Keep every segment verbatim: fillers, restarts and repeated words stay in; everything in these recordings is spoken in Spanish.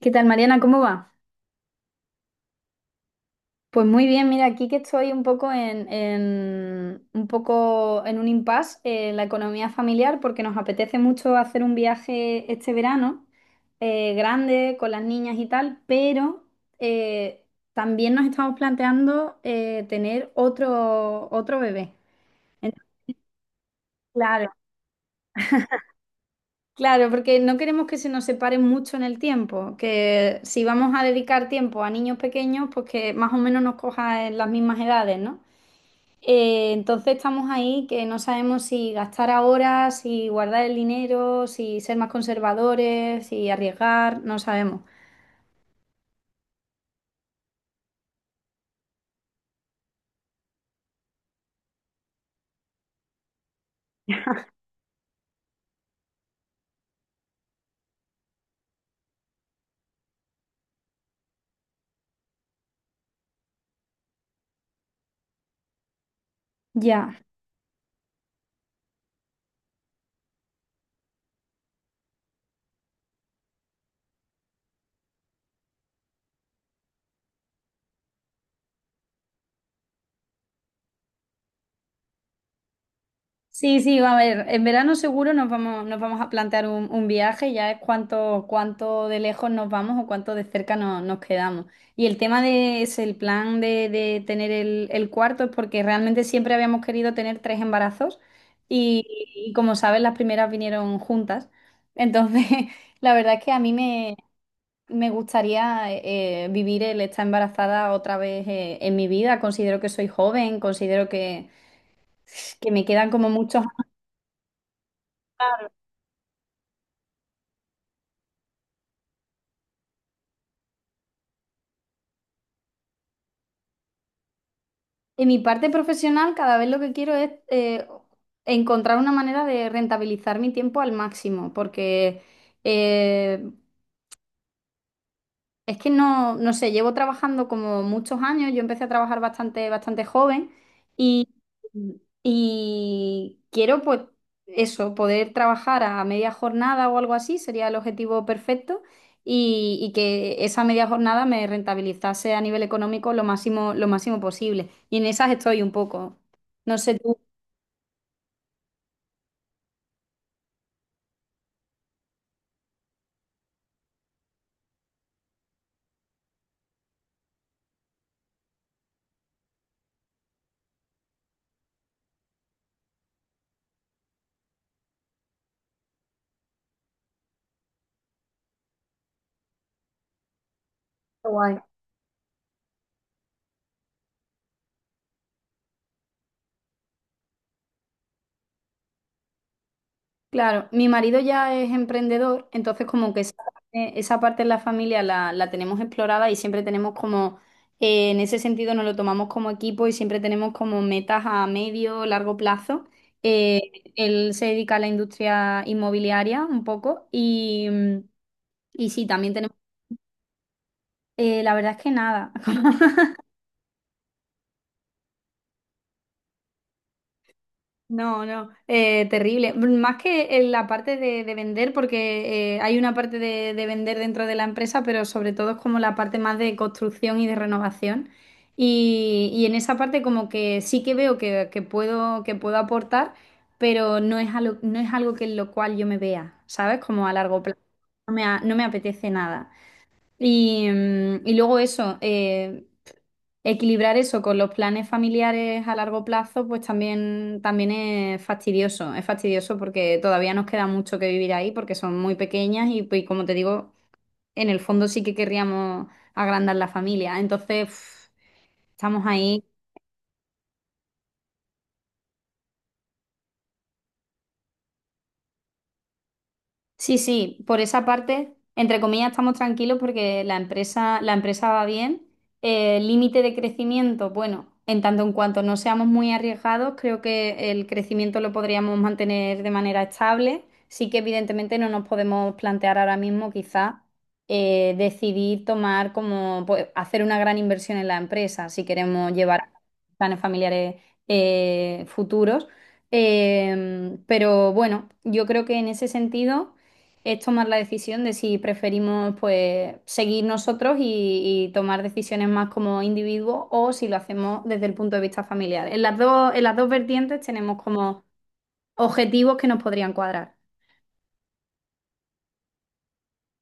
¿Qué tal, Mariana? ¿Cómo va? Pues muy bien, mira, aquí que estoy un poco en, en- un poco en un impasse en la economía familiar porque nos apetece mucho hacer un viaje este verano, eh, grande, con las niñas y tal, pero eh, también nos estamos planteando eh, tener otro, otro bebé. Entonces, claro, claro, porque no queremos que se nos separen mucho en el tiempo, que si vamos a dedicar tiempo a niños pequeños, pues que más o menos nos coja en las mismas edades, ¿no? Eh, entonces estamos ahí que no sabemos si gastar ahora, si guardar el dinero, si ser más conservadores, si arriesgar, no sabemos. Ya. Sí, sí, a ver, en verano seguro nos vamos, nos vamos a plantear un, un viaje, ya es cuánto, cuánto de lejos nos vamos o cuánto de cerca no- nos quedamos. Y el tema de es el plan de, de tener el, el cuarto es porque realmente siempre habíamos querido tener tres embarazos y, y como sabes, las primeras vinieron juntas. Entonces, la verdad es que a mí me, me gustaría eh, eh, vivir el estar embarazada otra vez eh, en mi vida. Considero que soy joven, considero que que me quedan como muchos. En mi parte profesional, cada vez lo que quiero es eh, encontrar una manera de rentabilizar mi tiempo al máximo, porque eh, es que no, no sé, llevo trabajando como muchos años, yo empecé a trabajar bastante, bastante joven y, y quiero pues eso, poder trabajar a media jornada o algo así, sería el objetivo perfecto y, y que esa media jornada me rentabilizase a nivel económico lo máximo, lo máximo posible. Y en esas estoy un poco. No sé tú. Claro, mi marido ya es emprendedor, entonces como que esa parte, esa parte en la familia la, la tenemos explorada y siempre tenemos como, eh, en ese sentido nos lo tomamos como equipo y siempre tenemos como metas a medio, largo plazo. Eh, Él se dedica a la industria inmobiliaria un poco y, mm, y sí, también tenemos, eh, la verdad es que nada. No, no, eh, terrible. Más que en la parte de, de vender, porque eh, hay una parte de, de vender dentro de la empresa, pero sobre todo es como la parte más de construcción y de renovación. Y, y en esa parte como que sí que veo que, que puedo, que puedo aportar, pero no es algo, no es algo que en lo cual yo me vea, ¿sabes? Como a largo plazo. No me, a- no me apetece nada. Y, mm, y luego eso, eh, equilibrar eso con los planes familiares a largo plazo, pues también, también es fastidioso. Es fastidioso porque todavía nos queda mucho que vivir ahí porque son muy pequeñas y, pues, como te digo, en el fondo sí que querríamos agrandar la familia. Entonces, uf, estamos ahí. Sí, sí, por esa parte, entre comillas, estamos tranquilos porque la empresa, la empresa va bien. Eh, límite de crecimiento, bueno, en tanto en cuanto no seamos muy arriesgados, creo que el crecimiento lo podríamos mantener de manera estable. Sí que evidentemente no nos podemos plantear ahora mismo quizá eh, decidir tomar como pues, hacer una gran inversión en la empresa si queremos llevar a cabo planes familiares eh, futuros. Em, pero bueno, yo creo que en ese sentido es tomar la decisión de si preferimos pues seguir nosotros y, y tomar decisiones más como individuos o si lo hacemos desde el punto de vista familiar. En las dos, en las dos vertientes tenemos como objetivos que nos podrían cuadrar.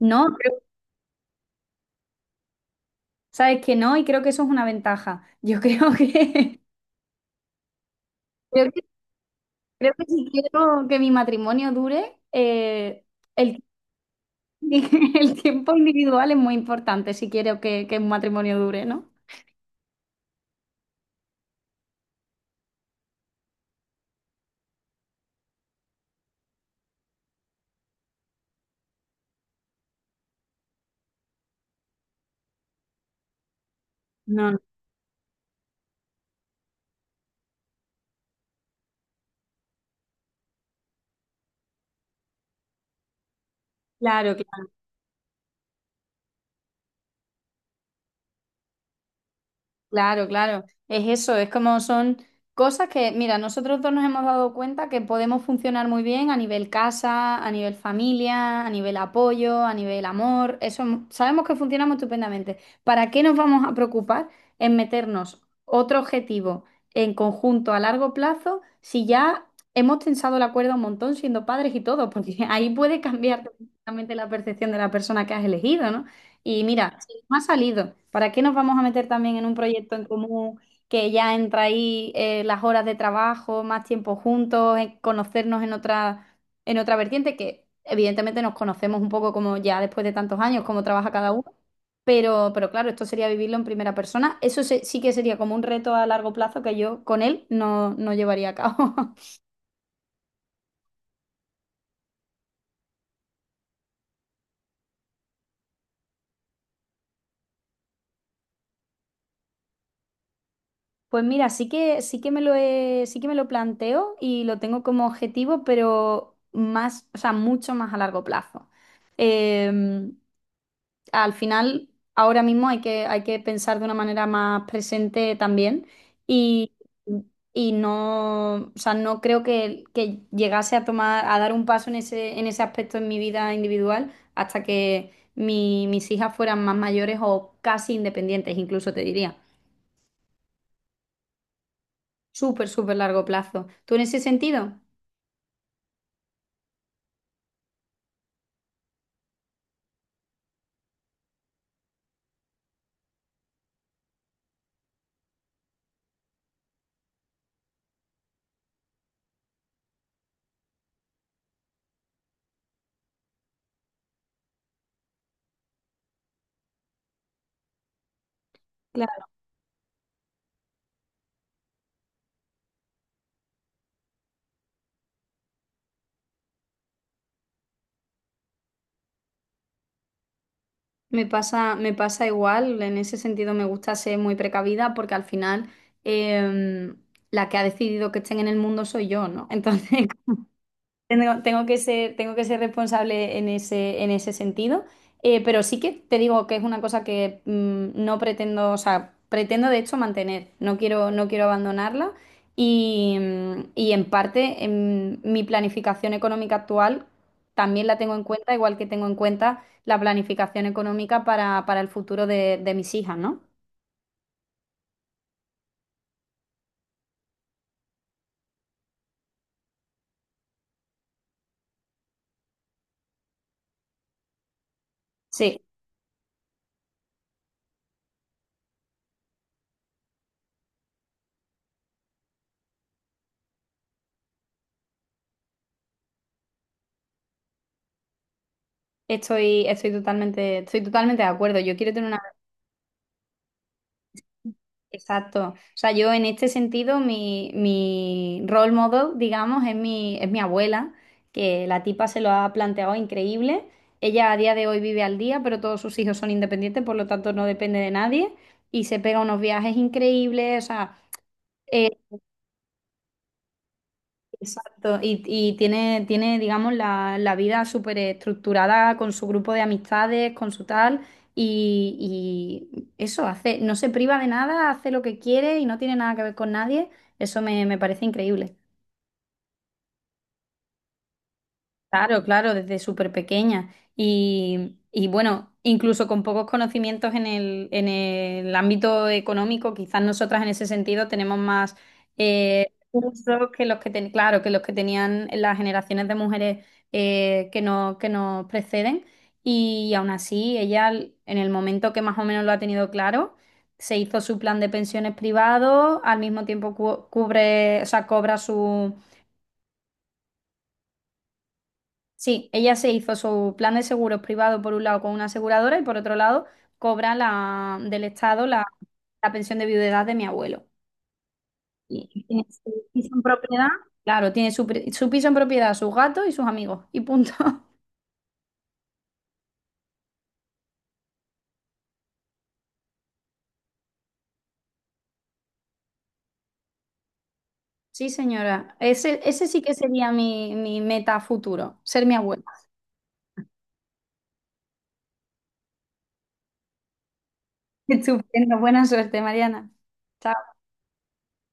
No, creo- sabes que no y creo que eso es una ventaja. Yo creo que, creo que, creo que si quiero que mi matrimonio dure, eh, el, el tiempo individual es muy importante si quiero que, que un matrimonio dure, ¿no? No, no. Claro. Claro, claro, es eso, es como son cosas que, mira, nosotros dos nos hemos dado cuenta que podemos funcionar muy bien a nivel casa, a nivel familia, a nivel apoyo, a nivel amor, eso m- sabemos que funcionamos estupendamente. ¿Para qué nos vamos a preocupar en meternos otro objetivo en conjunto a largo plazo si ya hemos tensado la cuerda un montón siendo padres y todo? Porque ahí puede cambiar completamente la percepción de la persona que has elegido, ¿no? Y mira, no ha salido. ¿Para qué nos vamos a meter también en un proyecto en común que ya entra ahí eh, las horas de trabajo, más tiempo juntos, en conocernos en otra, en otra vertiente que evidentemente nos conocemos un poco como ya después de tantos años, cómo trabaja cada uno? Pero, pero claro, esto sería vivirlo en primera persona. Eso se- sí que sería como un reto a largo plazo que yo con él no, no llevaría a cabo. Pues mira, sí que, sí que me lo he- sí que me lo planteo y lo tengo como objetivo, pero más, o sea, mucho más a largo plazo. Eh, Al final, ahora mismo hay que, hay que pensar de una manera más presente también y, y no, o sea, no creo que, que llegase a tomar, a dar un paso en ese, en ese aspecto en mi vida individual hasta que mi- mis hijas fueran más mayores o casi independientes, incluso te diría. Súper, súper largo plazo. ¿Tú en ese sentido? Claro. Me pasa, me pasa igual, en ese sentido me gusta ser muy precavida porque al final em, la que ha decidido que estén en el mundo soy yo, ¿no? Entonces, tengo, tengo que ser, tengo que ser responsable en ese, en ese sentido, eh, pero sí que te digo que es una cosa que mm, no pretendo, o sea, pretendo de hecho mantener, no quiero, no quiero abandonarla y, mm, y en parte en mi planificación económica actual también la tengo en cuenta, igual que tengo en cuenta la planificación económica para, para el futuro de, de mis hijas, ¿no? Sí, estoy, estoy totalmente, estoy totalmente de acuerdo. Yo quiero tener una. Exacto. O sea, yo en este sentido, mi, mi role model, digamos, es mi, es mi abuela, que la tipa se lo ha planteado increíble. Ella a día de hoy vive al día, pero todos sus hijos son independientes, por lo tanto no depende de nadie y se pega unos viajes increíbles. O sea, exacto, y, y tiene, tiene, digamos, la, la vida súper estructurada con su grupo de amistades, con su tal, y, y eso, hace, no se priva de nada, hace lo que quiere y no tiene nada que ver con nadie, eso me, me parece increíble. Claro, claro, desde súper pequeña. Y, y bueno, incluso con pocos conocimientos en el, en el ámbito económico, quizás nosotras en ese sentido tenemos más eh, recursos que los que ten- claro, que los que tenían las generaciones de mujeres eh, que no, que nos preceden. Y aún así, ella al- en el momento que más o menos lo ha tenido claro, se hizo su plan de pensiones privado, al mismo tiempo cu- cubre, o sea, cobra. Sí, ella se hizo su plan de seguros privado por un lado con una aseguradora y por otro lado cobra la, del Estado la, la pensión de viudedad de mi abuelo. Y tiene su piso en propiedad, claro, tiene su, pri- su piso en propiedad, sus gatos y sus amigos. Y punto. Sí, señora. Ese, ese sí que sería mi, mi meta futuro, ser mi abuela. Estupendo, buena suerte, Mariana. Chao.